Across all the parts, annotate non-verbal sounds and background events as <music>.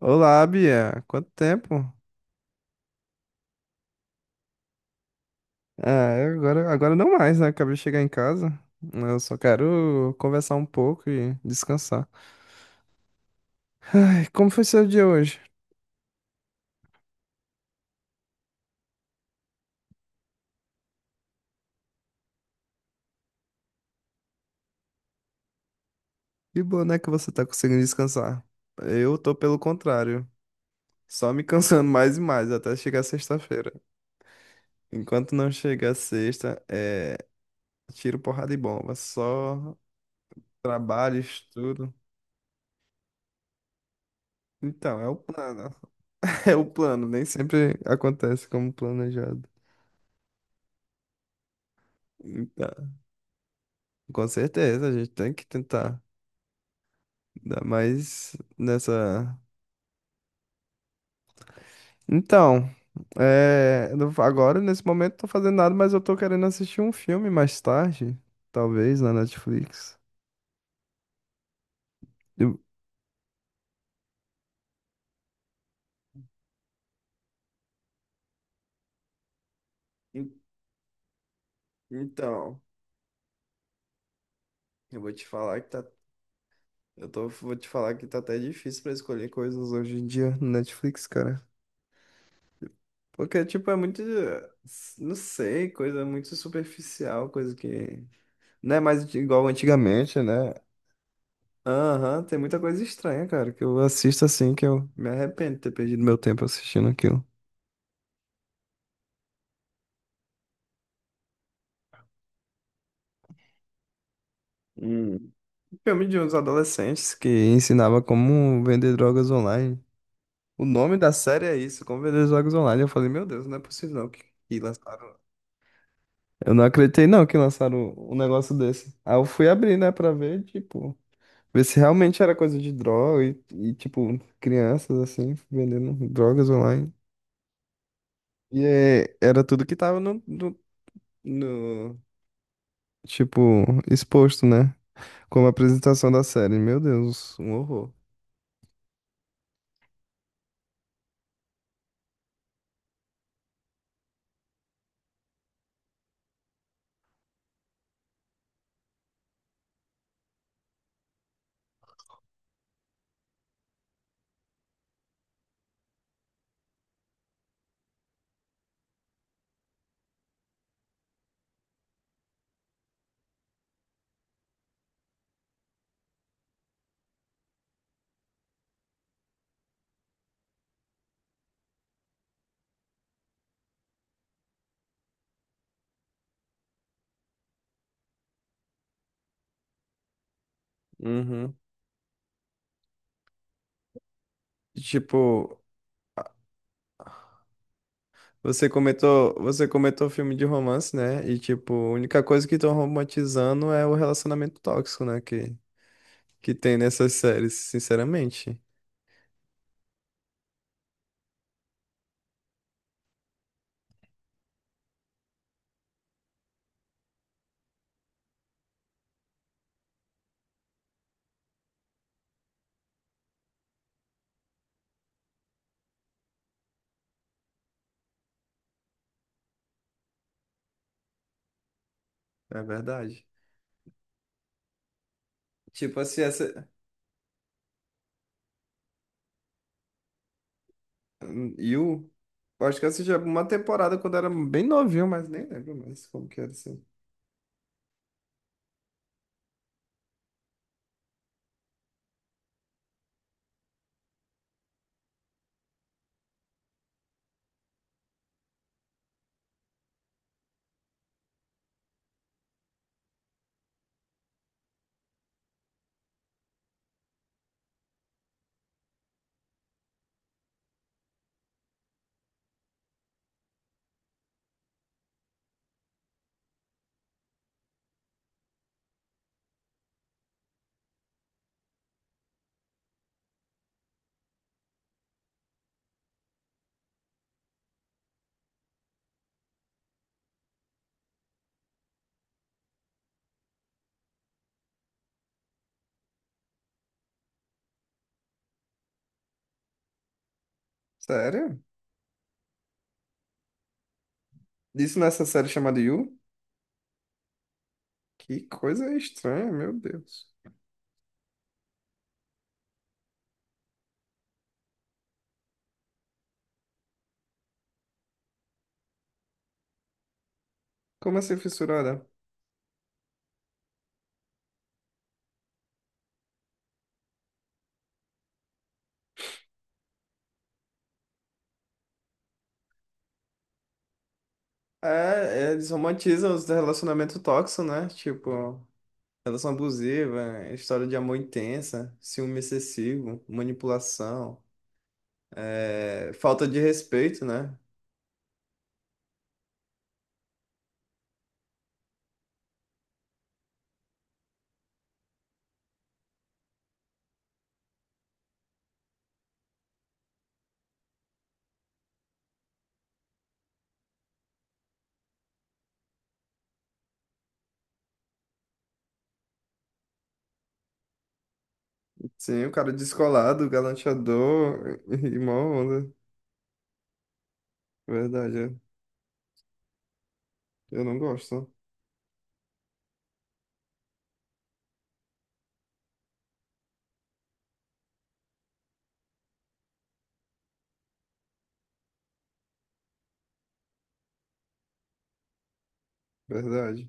Olá, Bia. Quanto tempo? Ah, eu agora não mais, né? Acabei de chegar em casa. Eu só quero conversar um pouco e descansar. Ai, como foi seu dia hoje? Que bom, né, que você tá conseguindo descansar. Eu tô pelo contrário, só me cansando <laughs> mais e mais até chegar sexta-feira. Enquanto não chegar sexta, é tiro, porrada e bomba. Só trabalho, estudo. Então, é o plano. <laughs> É o plano, nem sempre acontece como planejado. Então. Com certeza, a gente tem que tentar dar mais nessa. Então, eu não- agora nesse momento não tô fazendo nada, mas eu tô querendo assistir um filme mais tarde, talvez na Netflix. Eu- en- Então, eu vou te falar que tá, eu tô, vou te falar que tá até difícil pra escolher coisas hoje em dia no Netflix, cara. Porque, tipo, não sei, coisa muito superficial, coisa que não é mais igual antigamente, né? Aham, tem muita coisa estranha, cara, que eu assisto assim, que eu me arrependo de ter perdido meu tempo assistindo aquilo. Hum. Filme de uns adolescentes que ensinava como vender drogas online. O nome da série é isso, como vender drogas online. Eu falei, meu Deus, não é possível não que, que lançaram. Eu não acreditei não que lançaram um negócio desse. Aí eu fui abrir, né, pra ver, tipo, ver se realmente era coisa de droga e tipo, crianças assim, vendendo drogas online. E é, era tudo que tava no, tipo, exposto, né? Como a apresentação da série. Meu Deus, um horror. Uhum. E, tipo, você comentou filme de romance, né? E tipo, a única coisa que estão romantizando é o relacionamento tóxico, né? Que tem nessas séries, sinceramente. É verdade. Tipo assim, essa. You. Eu acho que eu assisti uma temporada quando era bem novinho, mas nem lembro mais como que era assim. Sério? Isso nessa série chamada You? Que coisa estranha, meu Deus. Como assim, fissurada? É, eles romantizam os relacionamentos tóxicos, né? Tipo, relação abusiva, história de amor intensa, ciúme excessivo, manipulação, falta de respeito, né? Sim, o cara descolado, galanteador <laughs> e mó onda. Verdade, é. Eu não gosto. Verdade.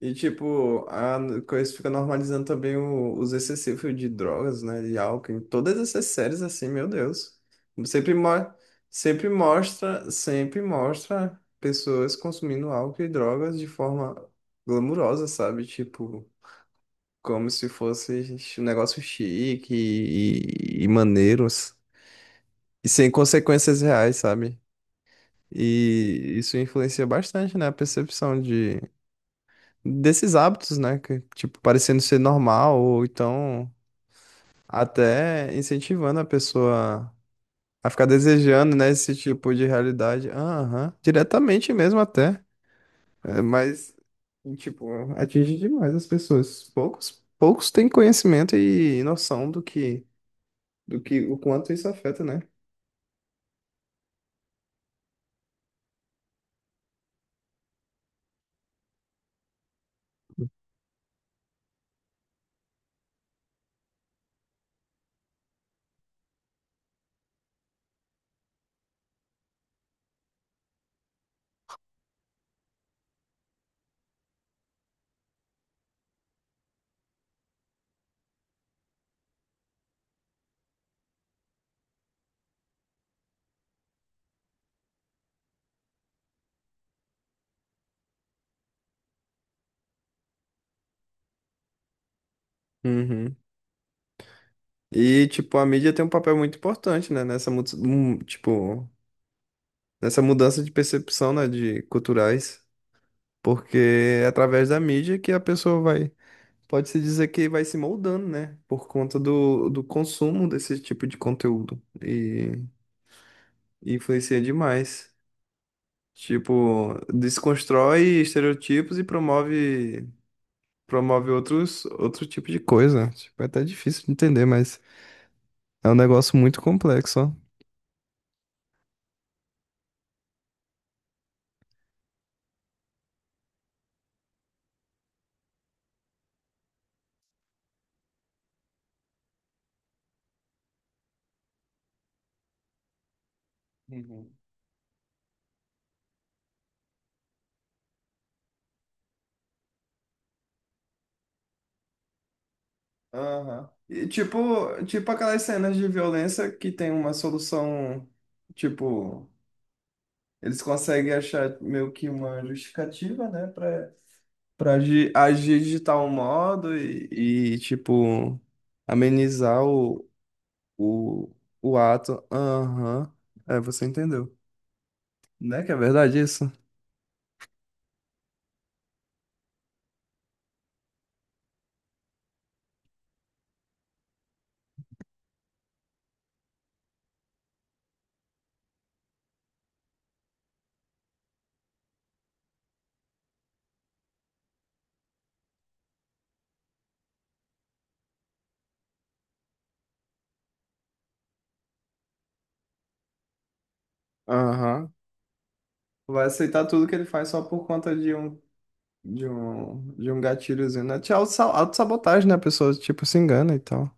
E, tipo, a coisa fica normalizando também os excessivos de drogas, né? De álcool, em todas essas séries, assim, meu Deus. Sempre, mo sempre mostra pessoas consumindo álcool e drogas de forma glamurosa, sabe? Tipo, como se fosse um negócio chique e maneiros. E sem consequências reais, sabe? E isso influencia bastante, né? A percepção desses hábitos, né? Que, tipo, parecendo ser normal, ou então até incentivando a pessoa a ficar desejando, né, esse tipo de realidade. Aham, diretamente mesmo até. É, mas, tipo, atinge demais as pessoas. Poucos têm conhecimento e noção do que, o quanto isso afeta, né? Uhum. E, tipo, a mídia tem um papel muito importante, né, tipo, nessa mudança de percepção, né, de culturais. Porque é através da mídia que a pessoa vai, pode se dizer que vai se moldando, né? Por conta do consumo desse tipo de conteúdo. E influencia demais. Tipo, desconstrói estereotipos e promove outro tipo de coisa. Tipo, é até difícil de entender, mas. É um negócio muito complexo, ó. Uhum. Aham. E tipo, tipo aquelas cenas de violência que tem uma solução, tipo, eles conseguem achar meio que uma justificativa, né, pra agir de tal modo e tipo, amenizar o, o ato. Aham. É, você entendeu. Né que é verdade isso? Aham. Vai aceitar tudo que ele faz só por conta de um, de um gatilhozinho, né? Tinha auto-sabotagem, né? A pessoa, tipo, se engana e tal.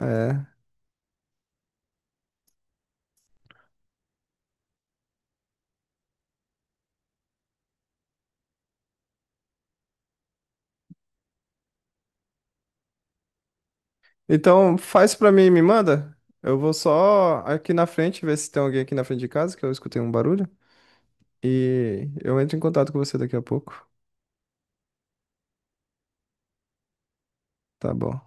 É. Então, faz pra mim e me manda. Eu vou só aqui na frente ver se tem alguém aqui na frente de casa, que eu escutei um barulho. E eu entro em contato com você daqui a pouco. Tá bom.